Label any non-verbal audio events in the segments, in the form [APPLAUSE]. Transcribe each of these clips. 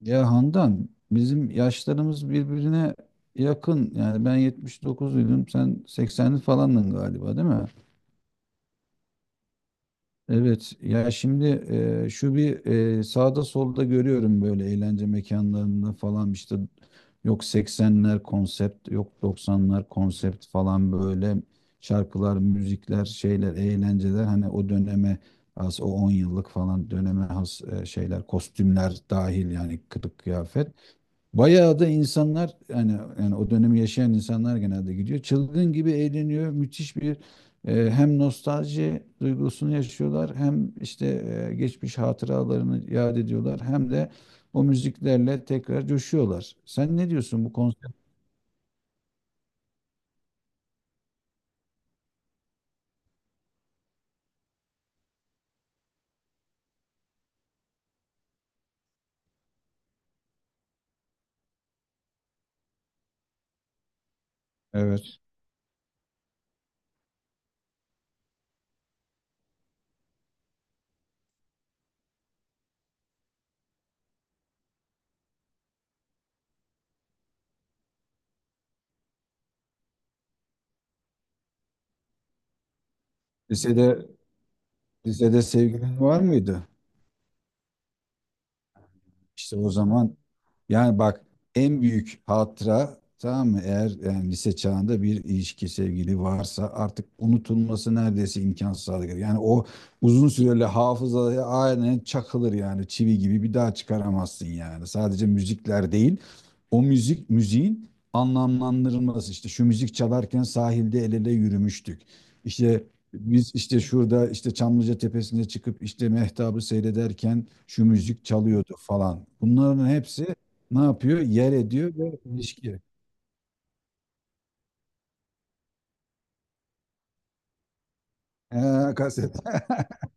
Ya Handan bizim yaşlarımız birbirine yakın. Yani ben 79'luydum, sen 80'li falandın galiba, değil mi? Evet, ya şimdi şu bir sağda solda görüyorum, böyle eğlence mekanlarında falan işte, yok 80'ler konsept, yok 90'lar konsept falan, böyle şarkılar, müzikler, şeyler, eğlenceler, hani o döneme has, o 10 yıllık falan döneme has şeyler, kostümler dahil yani, kılık kıyafet. Bayağı da insanlar yani, o dönemi yaşayan insanlar genelde gidiyor. Çılgın gibi eğleniyor. Müthiş bir hem nostalji duygusunu yaşıyorlar, hem işte geçmiş hatıralarını yad ediyorlar, hem de o müziklerle tekrar coşuyorlar. Sen ne diyorsun bu konser? Evet. Lisede lisede sevgilin var mıydı? İşte o zaman, yani bak, en büyük hatıra, tamam mı? Eğer yani lise çağında bir ilişki, sevgili varsa, artık unutulması neredeyse imkansız hale gelir. Yani o uzun süreli hafızaya aynen çakılır, yani çivi gibi, bir daha çıkaramazsın yani. Sadece müzikler değil, o müzik, müziğin anlamlandırılması, işte şu müzik çalarken sahilde el ele yürümüştük. İşte biz işte şurada işte Çamlıca Tepesi'ne çıkıp işte mehtabı seyrederken şu müzik çalıyordu falan. Bunların hepsi ne yapıyor? Yer ediyor ve ilişki. Ee, kaset. [LAUGHS]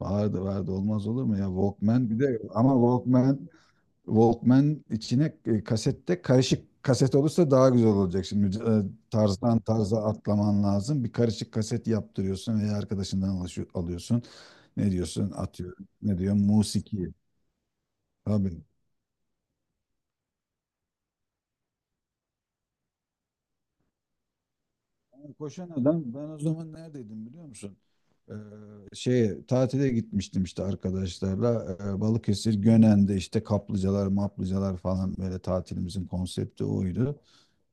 Vardı vardı, olmaz olur mu ya, Walkman. Bir de ama Walkman içine kasette, karışık kaset olursa daha güzel olacak şimdi, tarzdan tarza atlaman lazım, bir karışık kaset yaptırıyorsun veya arkadaşından alıyorsun, ne diyorsun atıyor, ne diyor, musiki, tabii. Ben Koşan Adam, ben o zaman neredeydim biliyor musun? Ee, şeye tatile gitmiştim işte arkadaşlarla. Balıkesir Gönen'de, işte kaplıcalar maplıcalar falan, böyle tatilimizin konsepti oydu.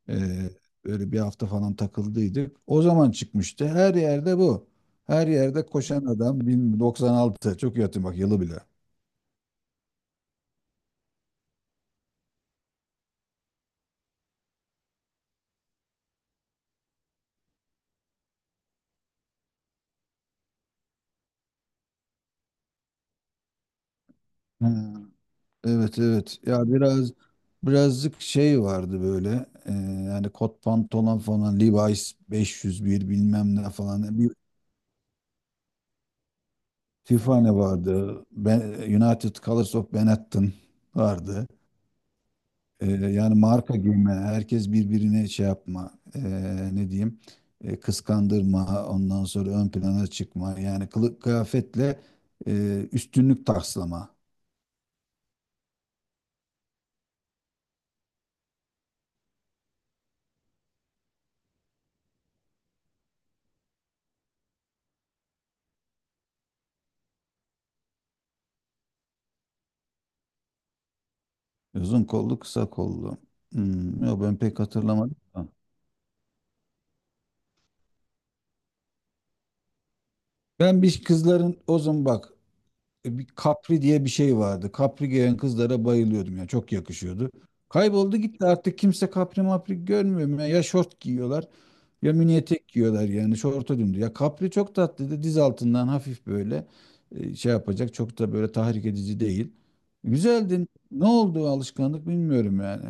Ee, böyle bir hafta falan takıldıydık. O zaman çıkmıştı, her yerde bu. Her yerde Koşan Adam, 1096, çok iyi hatırlıyorum bak, yılı bile. Ha. Evet evet. Ya biraz, birazcık şey vardı böyle. e, Yani kot pantolon falan, Levi's 501 bilmem ne falan. Bir FIFA ne vardı? Ben, United Colors of Benetton vardı. E, yani marka giyme, herkes birbirine şey yapma, ne diyeyim, kıskandırma, ondan sonra ön plana çıkma. Yani kılık kıyafetle üstünlük taslama. Uzun kollu, kısa kollu. Hmm, yok ben pek hatırlamadım. Ben bir, kızların o zaman bak bir Capri diye bir şey vardı. Capri giyen kızlara bayılıyordum ya. Çok yakışıyordu. Kayboldu gitti, artık kimse Capri mapri görmüyorum ya. Ya şort giyiyorlar, ya mini etek giyiyorlar, yani şorta döndü. Ya Capri çok tatlıydı. Diz altından hafif böyle şey yapacak, çok da böyle tahrik edici değil. Güzeldi. Ne oldu o alışkanlık bilmiyorum yani.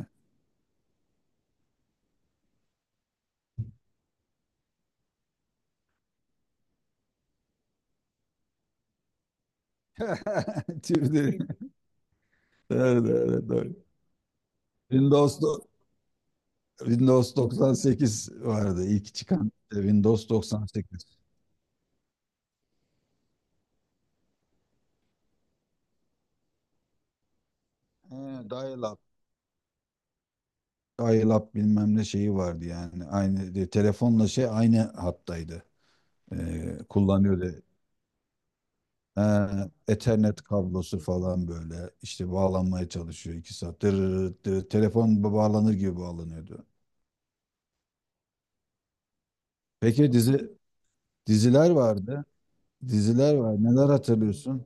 [LAUGHS] Tüyleri. Doğru doğru doğru. Senin dost- Windows 98 vardı, ilk çıkan, işte Windows 98. He, dial-up. Dial-up bilmem ne şeyi vardı yani. Aynı telefonla şey, aynı hattaydı. Kullanıyordu. Ha, Ethernet kablosu falan, böyle işte bağlanmaya çalışıyor iki saat. Dırırır, dırır. Telefon bağlanır gibi bağlanıyordu. Peki diziler vardı. Diziler var. Neler hatırlıyorsun?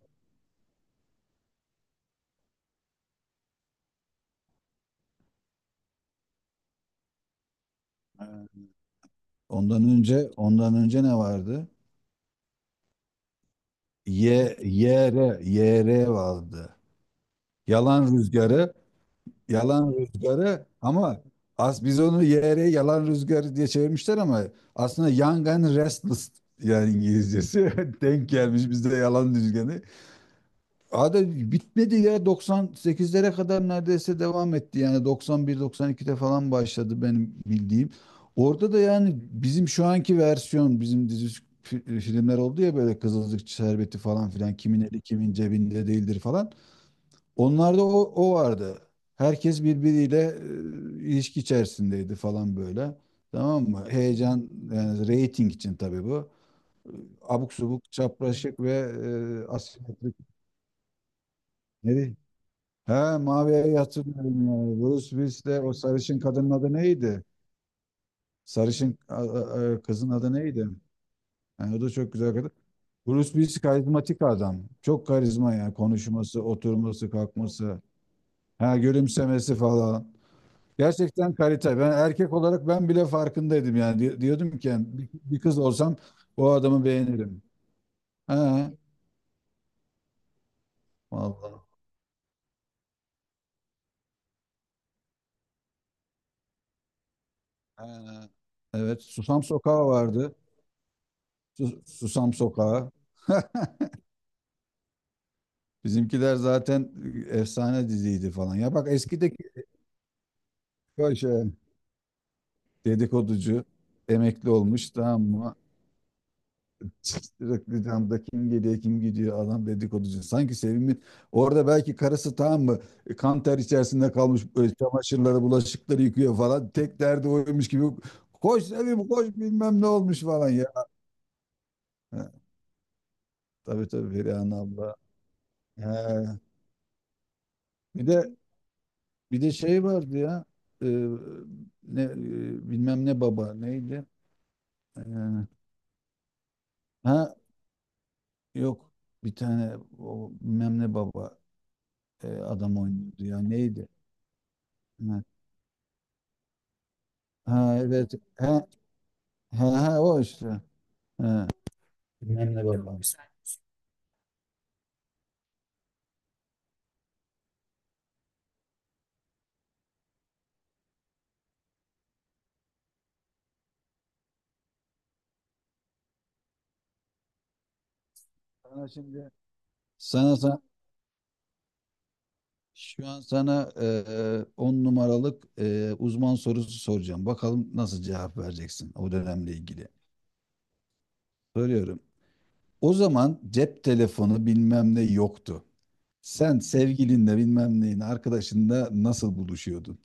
He, Ondan önce ne vardı? Y YR YR vardı. Yalan Rüzgarı, Yalan Rüzgarı ama az, biz onu yere Yalan Rüzgarı diye çevirmişler ama aslında Young and Restless, yani İngilizcesi [LAUGHS] denk gelmiş bizde Yalan Rüzgarı. Abi bitmedi ya, 98'lere kadar neredeyse devam etti yani, 91-92'de falan başladı benim bildiğim. Orada da yani bizim şu anki versiyon, bizim dizi filmler oldu ya, böyle Kızılcık Şerbeti falan filan, kimin eli kimin cebinde değildir falan. Onlarda o vardı. Herkes birbiriyle ilişki içerisindeydi falan böyle. Tamam mı? Heyecan, yani reyting için tabii bu. Abuk subuk, çapraşık ve asimetrik. Neydi? He, Mavi'ye hatırlıyorum ya. Bruce Willis'le, o sarışın kadının adı neydi? Sarışın, kızın adı neydi? Yani o da çok güzel kadın. Bruce Willis karizmatik adam. Çok karizma yani, konuşması, oturması, kalkması, ha, gülümsemesi falan. Gerçekten kalite. Ben erkek olarak ben bile farkındaydım yani. Diyordum ki yani, bir kız olsam o adamı beğenirim. Ha, vallahi. Ha. Evet, Susam Sokağı vardı. Susam Sokağı. [LAUGHS] Bizimkiler zaten efsane diziydi falan. Ya bak eskideki, böyle şey, dedikoducu emekli olmuş, tamam mı? Sürekli camda, kim geliyor kim gidiyor, adam dedikoducu. Sanki Sevim'in orada belki karısı, tamam mı, kan ter içerisinde kalmış, çamaşırları bulaşıkları yıkıyor falan. Tek derdi oymuş gibi, koş Sevim koş, bilmem ne olmuş falan ya. He, tabii tabii, Perihan abla. He. Bir de, şey vardı ya, e, ne, bilmem ne baba neydi? E, ha yok, bir tane o, bilmem ne baba, adam oynuyordu ya, neydi? Ha evet. Ha, ha, ha, o işte. Ha. Bilmem ne babamız. Sana şimdi sana, sa- şu an sana on numaralık uzman sorusu soracağım. Bakalım nasıl cevap vereceksin o dönemle ilgili. Soruyorum. O zaman cep telefonu bilmem ne yoktu. Sen sevgilinle bilmem neyin, arkadaşınla nasıl buluşuyordun?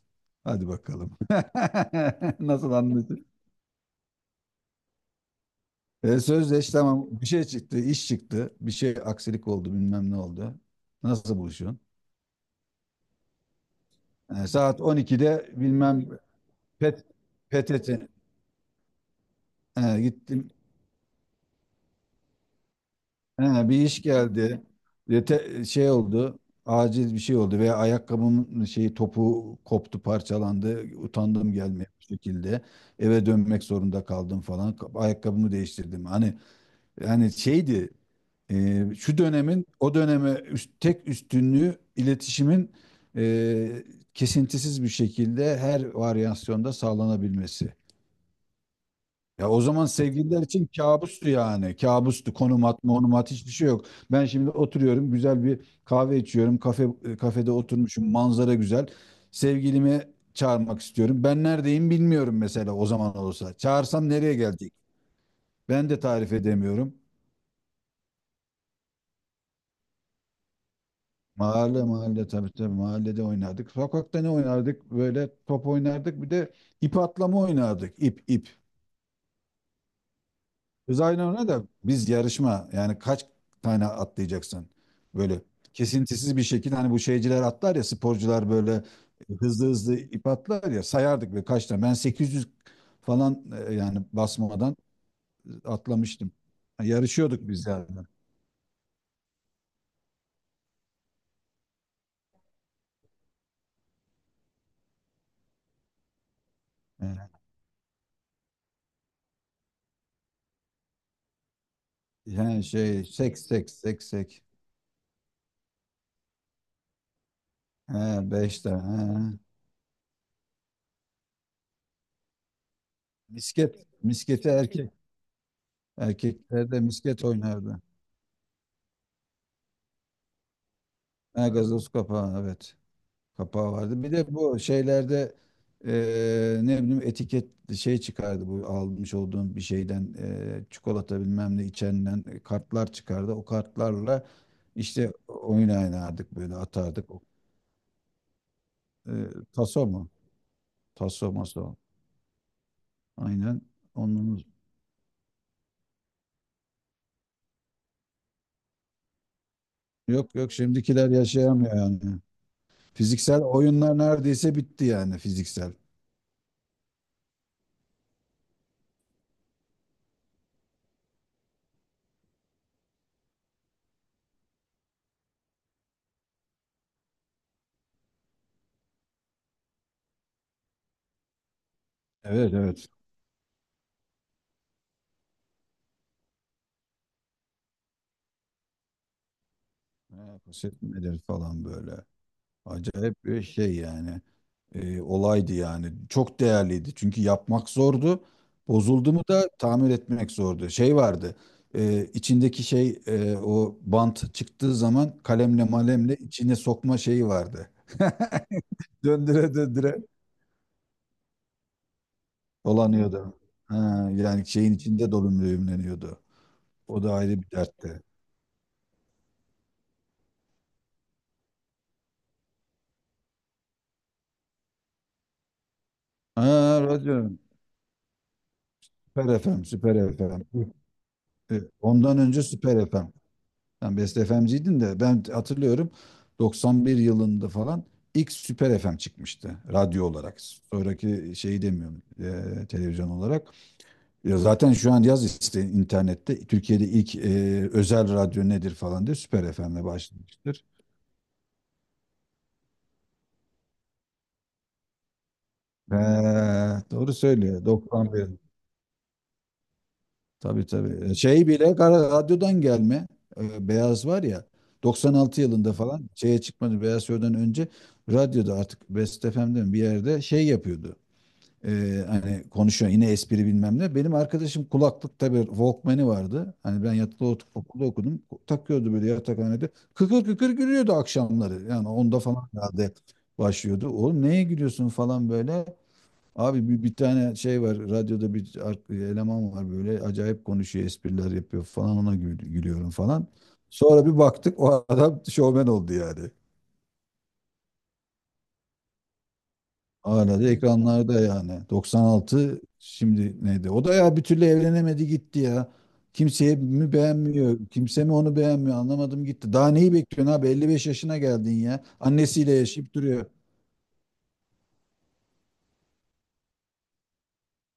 Hadi bakalım. [LAUGHS] Nasıl sözleş, tamam, bir şey çıktı, iş çıktı, bir şey aksilik oldu, bilmem ne oldu. Nasıl buluşuyorsun? E, saat 12'de bilmem, pet, PTT, gittim, bir iş geldi. Şey oldu, acil bir şey oldu veya ayakkabımın şeyi topu koptu, parçalandı, utandım gelmeye, bir şekilde eve dönmek zorunda kaldım falan, ayakkabımı değiştirdim hani. Yani şeydi, şu dönemin o döneme tek üstünlüğü, iletişimin e, kesintisiz bir şekilde her varyasyonda sağlanabilmesi. Ya o zaman sevgililer için kabustu yani. Kabustu. Konum at, monum at, hiçbir şey yok. Ben şimdi oturuyorum, güzel bir kahve içiyorum. Kafe, kafede oturmuşum, manzara güzel. Sevgilimi çağırmak istiyorum, ben neredeyim bilmiyorum mesela, o zaman olsa. Çağırsam nereye gelecek? Ben de tarif edemiyorum. Mahalle mahalle, tabii tabii, mahallede oynardık. Sokakta ne oynardık? Böyle top oynardık. Bir de ip atlama oynardık. İp, ip. Biz aynı ona da biz yarışma, yani kaç tane atlayacaksın, böyle kesintisiz bir şekilde, hani bu şeyciler atlar ya sporcular, böyle hızlı hızlı ip atlar ya, sayardık ve kaç tane, ben 800 falan, yani basmadan atlamıştım. Yarışıyorduk biz yani. E, Yani şey, sek sek, sek sek. He, beş tane. Misket. Misketi erkek. Erkeklerde misket oynardı. Ha, gazoz kapağı, evet. Kapağı vardı. Bir de bu şeylerde, ne bileyim, etiket, şey çıkardı, bu almış olduğun bir şeyden, çikolata bilmem ne içenden kartlar çıkardı. O kartlarla işte oyun oynardık, böyle atardık. O-, taso mu? Taso maso. Aynen. Onun... Yok yok şimdikiler yaşayamıyor yani. Fiziksel oyunlar neredeyse bitti yani, fiziksel. Evet evet. Ha, poşet nedir falan böyle. Acayip bir şey yani. Olaydı yani. Çok değerliydi. Çünkü yapmak zordu. Bozuldu mu da tamir etmek zordu. Şey vardı, içindeki şey, o bant çıktığı zaman kalemle malemle içine sokma şeyi vardı. [LAUGHS] Döndüre döndüre dolanıyordu. Ha, yani şeyin içinde dolum düğümleniyordu. O da ayrı bir dertti. Ha, radyo. Süper FM, Süper FM. E, ondan önce Süper FM. Sen Best FM'ciydin de ben hatırlıyorum, 91 yılında falan ilk Süper FM çıkmıştı radyo olarak. Sonraki şeyi demiyorum, televizyon olarak. Ya zaten şu an yaz işte internette, Türkiye'de ilk özel radyo nedir falan diye, Süper FM'le başlamıştır. Ve doğru söylüyor, 91. Tabii tabii. E, şey bile radyodan gelme, beyaz var ya, 96 yılında falan şeye çıkmadı, Beyaz Show'dan önce radyoda artık Best FM'de mi, bir yerde şey yapıyordu. Hani konuşuyor yine, espri bilmem ne. Benim arkadaşım kulaklıkta bir Walkman'i vardı. Hani ben yatılı okulda okudum. Takıyordu böyle yatakhanede. Kıkır kıkır gülüyordu akşamları. Yani onda falan herhalde başlıyordu. Oğlum neye gülüyorsun falan böyle. Abi, bir tane şey var radyoda, bir eleman var, böyle acayip konuşuyor, espriler yapıyor falan, ona gülüyorum falan. Sonra bir baktık o adam [LAUGHS] şovmen oldu yani. Hala da ekranlarda yani. 96, şimdi neydi? O da ya, bir türlü evlenemedi gitti ya. Kimseye mi beğenmiyor? Kimse mi onu beğenmiyor? Anlamadım gitti. Daha neyi bekliyorsun abi? 55 yaşına geldin ya. Annesiyle yaşayıp duruyor.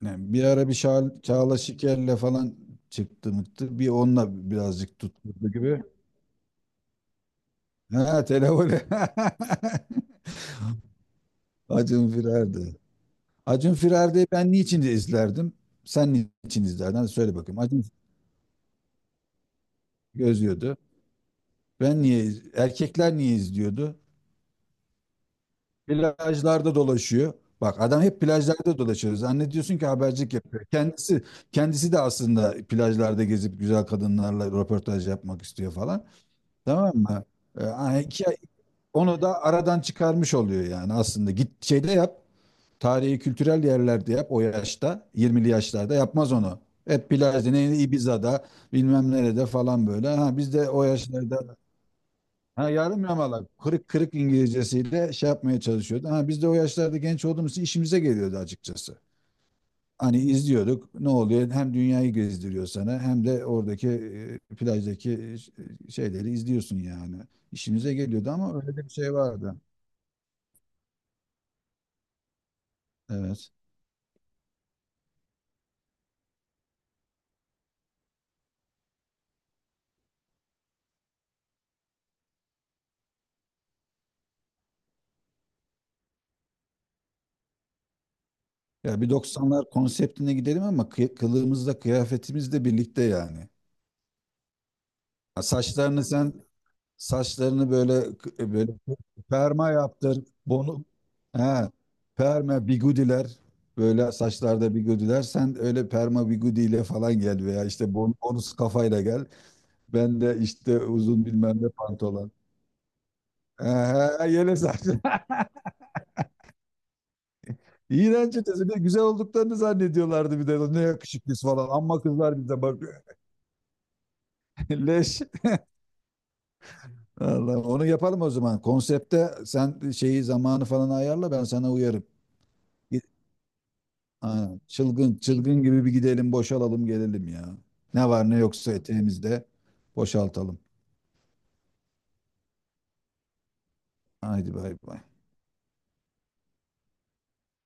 Yani bir ara bir Çağla Şiker'le falan çıktı mıktı. Bir onunla birazcık tutturdu gibi. Ha, televole. [LAUGHS] Acun Firer'di. Acun Firer'di, ben niçin izlerdim? Sen niçin izlerdin? Hadi söyle bakayım. Acun gözlüyordu. Ben niye, erkekler niye izliyordu? Plajlarda dolaşıyor. Bak adam hep plajlarda dolaşıyor. Zannediyorsun ki habercilik yapıyor. Kendisi, kendisi de aslında plajlarda gezip güzel kadınlarla röportaj yapmak istiyor falan. Tamam mı? Yani iki, onu da aradan çıkarmış oluyor yani aslında. Git şeyde yap. Tarihi kültürel yerlerde yap o yaşta. 20'li yaşlarda yapmaz onu. Hep plajda, ne Ibiza'da, bilmem nerede falan böyle. Ha, biz de o yaşlarda, ha, yarım yamalak, kırık kırık İngilizcesiyle şey yapmaya çalışıyordu. Ha, biz de o yaşlarda genç olduğumuz için işimize geliyordu açıkçası. Hani izliyorduk, ne oluyor, hem dünyayı gezdiriyor sana, hem de oradaki plajdaki, şeyleri izliyorsun yani. İşimize geliyordu ama öyle de bir şey vardı. Evet. Ya bir doksanlar konseptine gidelim, ama kılığımızla kıyafetimizle birlikte yani. Saçlarını sen, saçlarını böyle böyle perma yaptır. Bunu, he, perma bigudiler, böyle saçlarda bigudiler. Sen öyle perma bigudiyle falan gel, veya işte bonus kafayla gel. Ben de işte uzun bilmem ne pantolon. He, he, yele saç. [LAUGHS] İğrenç ötesi. Bir de güzel olduklarını zannediyorlardı bir de. Ne yakışıklıyız falan. Amma kızlar bize bakıyor. [LAUGHS] Leş. Allah, onu yapalım o zaman. Konsepte sen şeyi, zamanı falan ayarla, ben sana uyarım. Aynen. Çılgın, çılgın gibi bir gidelim, boşalalım, gelelim ya. Ne var ne yoksa eteğimizde boşaltalım. Haydi, bay bay.